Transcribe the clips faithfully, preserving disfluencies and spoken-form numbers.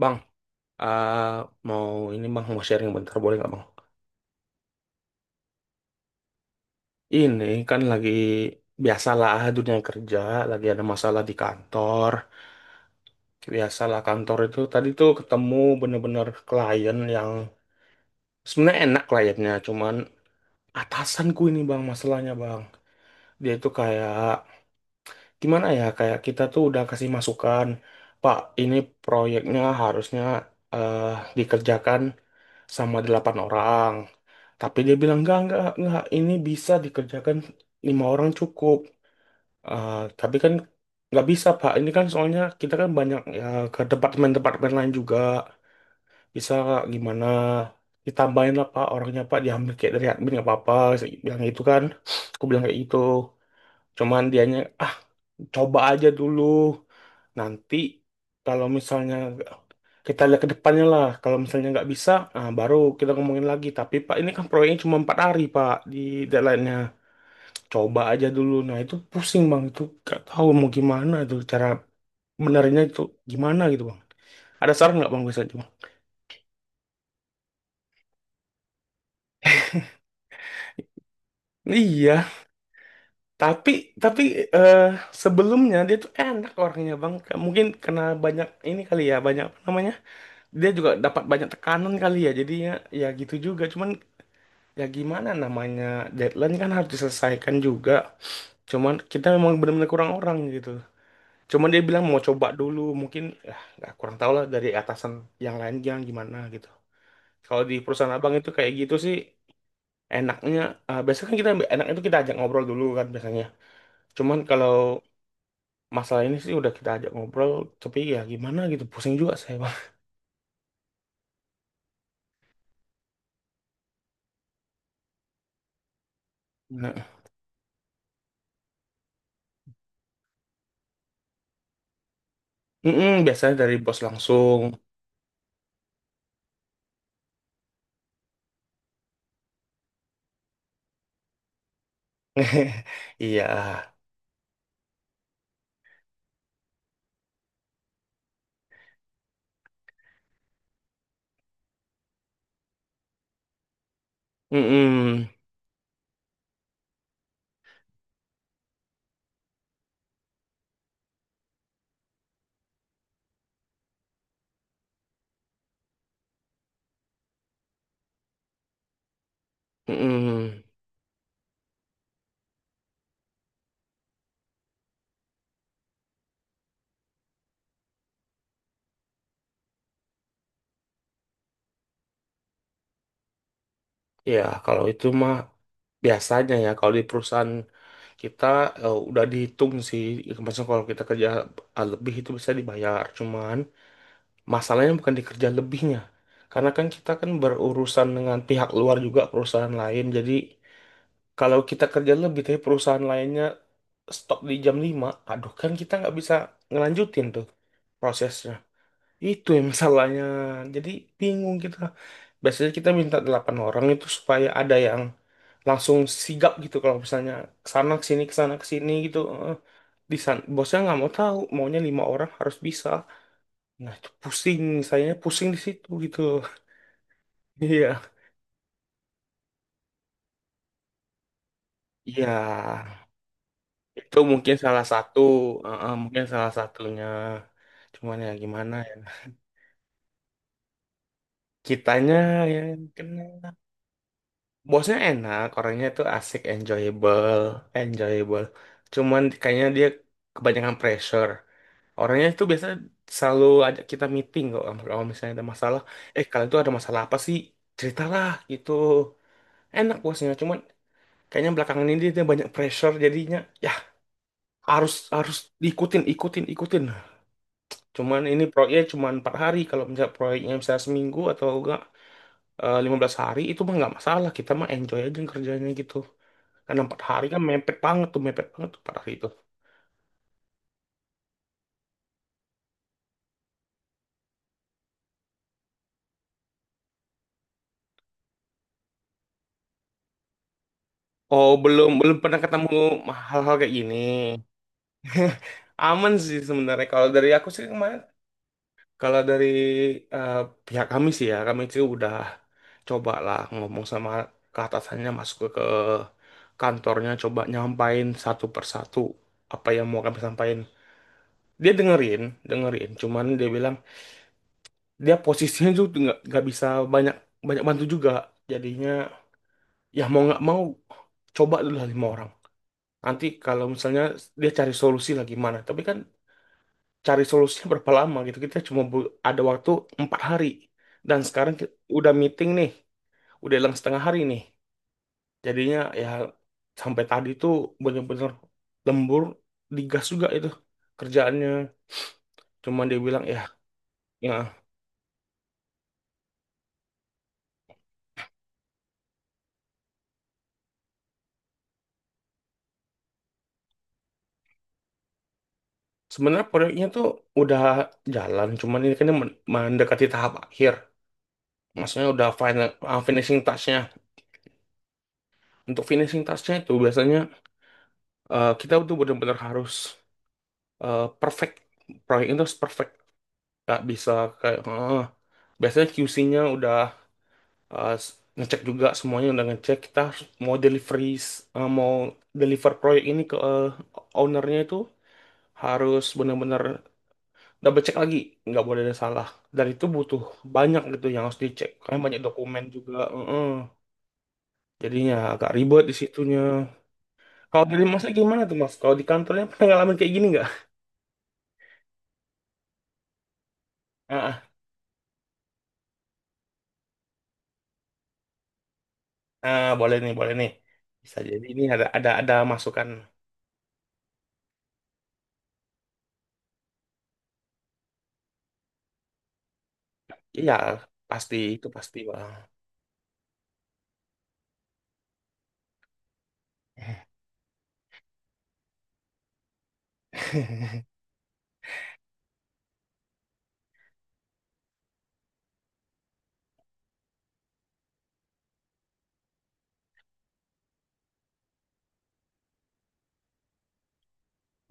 Bang, eh, mau ini bang mau sharing bentar boleh nggak bang? Ini kan lagi biasalah, ah, dunia kerja, lagi ada masalah di kantor. Biasalah, kantor itu tadi tuh ketemu bener-bener klien yang sebenarnya enak kliennya, cuman atasanku ini bang masalahnya bang. Dia itu kayak gimana ya? Kayak kita tuh udah kasih masukan, Pak, ini proyeknya harusnya eh, dikerjakan sama delapan orang. Tapi dia bilang, enggak, enggak, enggak, ini bisa dikerjakan lima orang cukup. Eh, tapi kan nggak bisa, Pak. Ini kan soalnya kita kan banyak ya ke departemen-departemen lain juga. Bisa nggak, gimana? Ditambahin lah, Pak, orangnya, Pak. Diambil kayak dari admin, nggak apa-apa. Saya bilang itu kan. Aku bilang kayak gitu. Cuman dianya, ah, coba aja dulu, nanti kalau misalnya kita lihat ke depannya lah, kalau misalnya nggak bisa, ah, baru kita ngomongin lagi. Tapi, Pak, ini kan proyeknya cuma empat hari, Pak, di deadline-nya. Coba aja dulu. Nah, itu pusing, Bang. Itu nggak tahu mau gimana, itu cara benarnya itu gimana gitu, Bang. Ada saran nggak, Bang? Bisa aja Bang. Iya. Tapi tapi eh, sebelumnya dia tuh enak orangnya, Bang. Mungkin karena banyak ini kali ya, banyak apa namanya, dia juga dapat banyak tekanan kali ya, jadinya ya gitu juga. Cuman ya gimana, namanya deadline kan harus diselesaikan juga, cuman kita memang benar-benar kurang orang gitu. Cuman dia bilang mau coba dulu, mungkin ya nggak kurang tahu lah dari atasan yang lain yang gimana gitu. Kalau di perusahaan abang itu kayak gitu sih enaknya. Eh, biasanya kan kita, enak itu kita ajak ngobrol dulu kan biasanya. Cuman kalau masalah ini sih udah kita ajak ngobrol, tapi ya gimana gitu, pusing juga saya bang. Nah, mm-mm, biasanya dari bos langsung. Iya. Mm-mm. Mm-mm. Ya, kalau itu mah biasanya ya kalau di perusahaan kita eh, udah dihitung sih. Maksudnya kalau kita kerja eh, lebih itu bisa dibayar, cuman masalahnya bukan di kerja lebihnya, karena kan kita kan berurusan dengan pihak luar juga, perusahaan lain. Jadi kalau kita kerja lebih tapi perusahaan lainnya stop di jam lima, aduh kan kita nggak bisa ngelanjutin tuh prosesnya. Itu yang masalahnya. Jadi bingung kita. Biasanya kita minta delapan orang itu supaya ada yang langsung sigap gitu kalau misalnya kesana kesini kesana kesini gitu. Eh, Di sana bosnya nggak mau tahu, maunya lima orang harus bisa. Nah, itu pusing, sayanya pusing di situ gitu. Iya. Iya, itu mungkin salah satu, eh, eh, mungkin salah satunya. Cuman ya gimana ya. Kitanya ya kena. Bosnya enak, orangnya tuh asik, enjoyable, enjoyable. Cuman kayaknya dia kebanyakan pressure. Orangnya itu biasa selalu ajak kita meeting kok. Kalau misalnya ada masalah, eh kalian tuh ada masalah apa sih? Ceritalah gitu. Enak bosnya, cuman kayaknya belakangan ini dia banyak pressure, jadinya ya harus harus diikutin, ikutin, ikutin. Cuman ini proyeknya cuman empat hari. Kalau misalnya proyeknya misalnya seminggu atau enggak eh, lima belas hari, itu mah nggak masalah, kita mah enjoy aja kerjanya gitu. Karena empat hari kan mepet banget tuh, mepet banget tuh empat hari itu. Oh, belum belum pernah ketemu hal-hal kayak gini. Aman sih sebenarnya kalau dari aku sih kemarin. Kalau dari eh, pihak kami sih ya, kami sih udah coba lah ngomong sama, ke atasannya, masuk ke, ke, kantornya, coba nyampain satu persatu apa yang mau kami sampaikan. Dia dengerin dengerin, cuman dia bilang dia posisinya juga nggak nggak bisa banyak banyak bantu juga. Jadinya ya mau nggak mau, coba dulu lah lima orang, nanti kalau misalnya dia cari solusi lah gimana. Tapi kan cari solusinya berapa lama gitu, kita cuma bu- ada waktu empat hari, dan sekarang ki- udah meeting nih, udah hilang setengah hari nih. Jadinya ya sampai tadi tuh bener-bener lembur, digas juga itu kerjaannya. Cuma dia bilang ya, ya. Sebenarnya proyeknya tuh udah jalan, cuman ini kan men- mendekati tahap akhir. Maksudnya udah final, uh, finishing touch-nya. Untuk finishing touch-nya itu biasanya uh, kita tuh benar-benar harus uh, perfect. Proyek itu harus perfect. Gak bisa kayak, "Ah." Biasanya Q C-nya udah uh, s- ngecek, juga semuanya udah ngecek. Kita harus mau delivery, mau deliver proyek ini ke uh, ownernya, itu harus benar-benar double check lagi, nggak boleh ada salah. Dan itu butuh banyak gitu yang harus dicek, karena banyak dokumen juga, heeh. Jadinya agak ribet di situnya. Kalau dari masnya gimana tuh mas, kalau di kantornya pernah ngalamin kayak gini nggak? ah, ah, Boleh nih, boleh nih. Bisa jadi ini ada ada ada masukan. Iya, pasti itu pasti bang.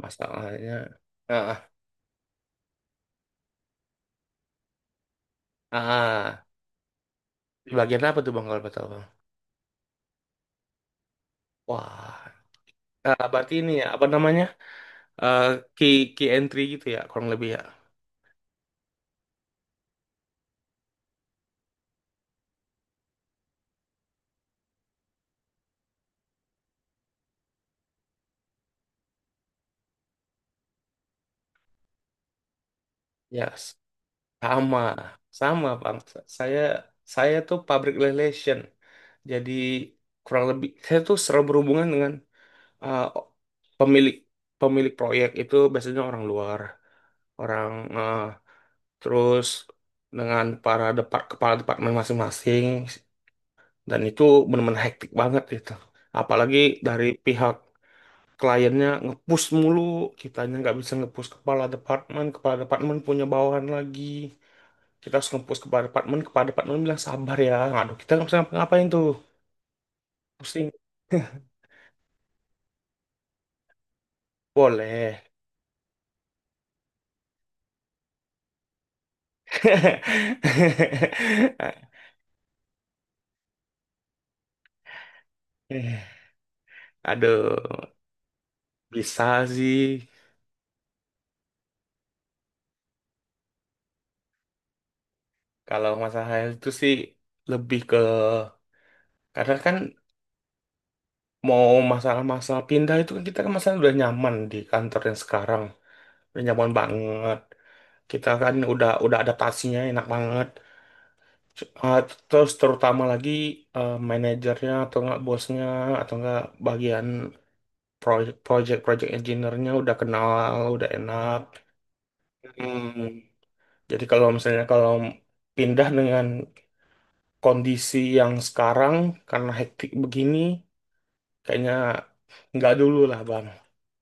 Masalahnya, ah, ah, ah. di bagian apa tuh bang? Kalau betul bang, wah, ah, berarti ini ya apa namanya. Eh key key entry gitu ya kurang lebih ya. Yes, sama, sama Bang. Sa- Saya saya tuh public relation. Jadi kurang lebih saya tuh selalu berhubungan dengan uh, pemilik, pemilik proyek itu biasanya orang luar, orang uh, terus dengan para depart kepala departemen masing-masing, dan itu benar-benar hektik banget gitu. Apalagi dari pihak kliennya ngepush mulu, kitanya nggak bisa ngepush kepala departemen, kepala departemen punya bawahan lagi. Kita harus ngepost kepada departemen, kepada departemen bilang sabar ya. Aduh, kita nggak bisa ngapain tuh. Pusing. Boleh. Aduh, bisa sih. Kalau masalah itu sih lebih ke, karena kan mau masalah-masalah pindah itu kan, kita kan masalah udah nyaman di kantor yang sekarang. Udah nyaman banget. Kita kan udah udah adaptasinya enak banget. Uh, terus terutama lagi uh, manajernya atau enggak bosnya, atau enggak bagian proy- project project engineer-nya udah kenal, udah enak. Hmm. Jadi kalau misalnya kalau pindah dengan kondisi yang sekarang, karena hektik begini, kayaknya nggak dulu lah Bang.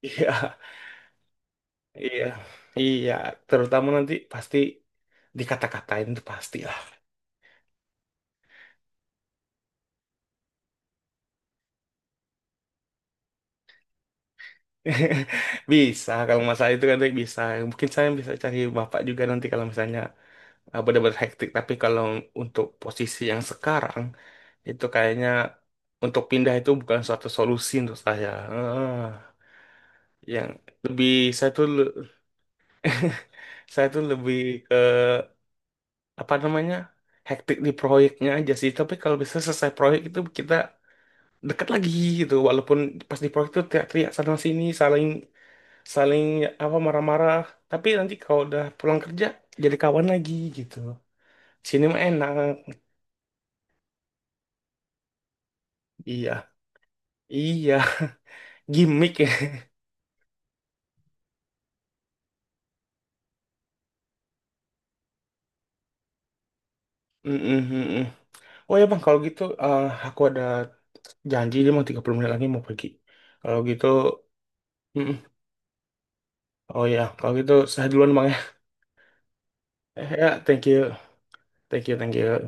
Iya, iya, iya. Terutama nanti pasti dikata-katain, itu pasti. Bisa, kalau masalah itu kan Rick, bisa. Mungkin saya bisa cari bapak juga nanti kalau misalnya eh, benar-benar hektik. Tapi kalau untuk posisi yang sekarang, itu kayaknya untuk pindah itu bukan suatu solusi untuk saya. Ah, yang lebih saya tuh le- Saya tuh lebih ke apa namanya, hektik di proyeknya aja sih. Tapi kalau bisa selesai proyek itu kita dekat lagi gitu. Walaupun pas di proyek itu teriak-teriak sana sini, saling saling apa marah-marah, tapi nanti kalau udah pulang kerja jadi kawan lagi gitu, sini mah enak. Iya, iya. Gimmick ya. Mm-mm, mm-mm. Oh ya bang, kalau gitu eh, aku ada janji, dia mau tiga puluh menit lagi mau pergi. Kalau gitu, mm-mm. Oh ya kalau gitu saya duluan bang ya. Ya, thank you, thank you, thank you.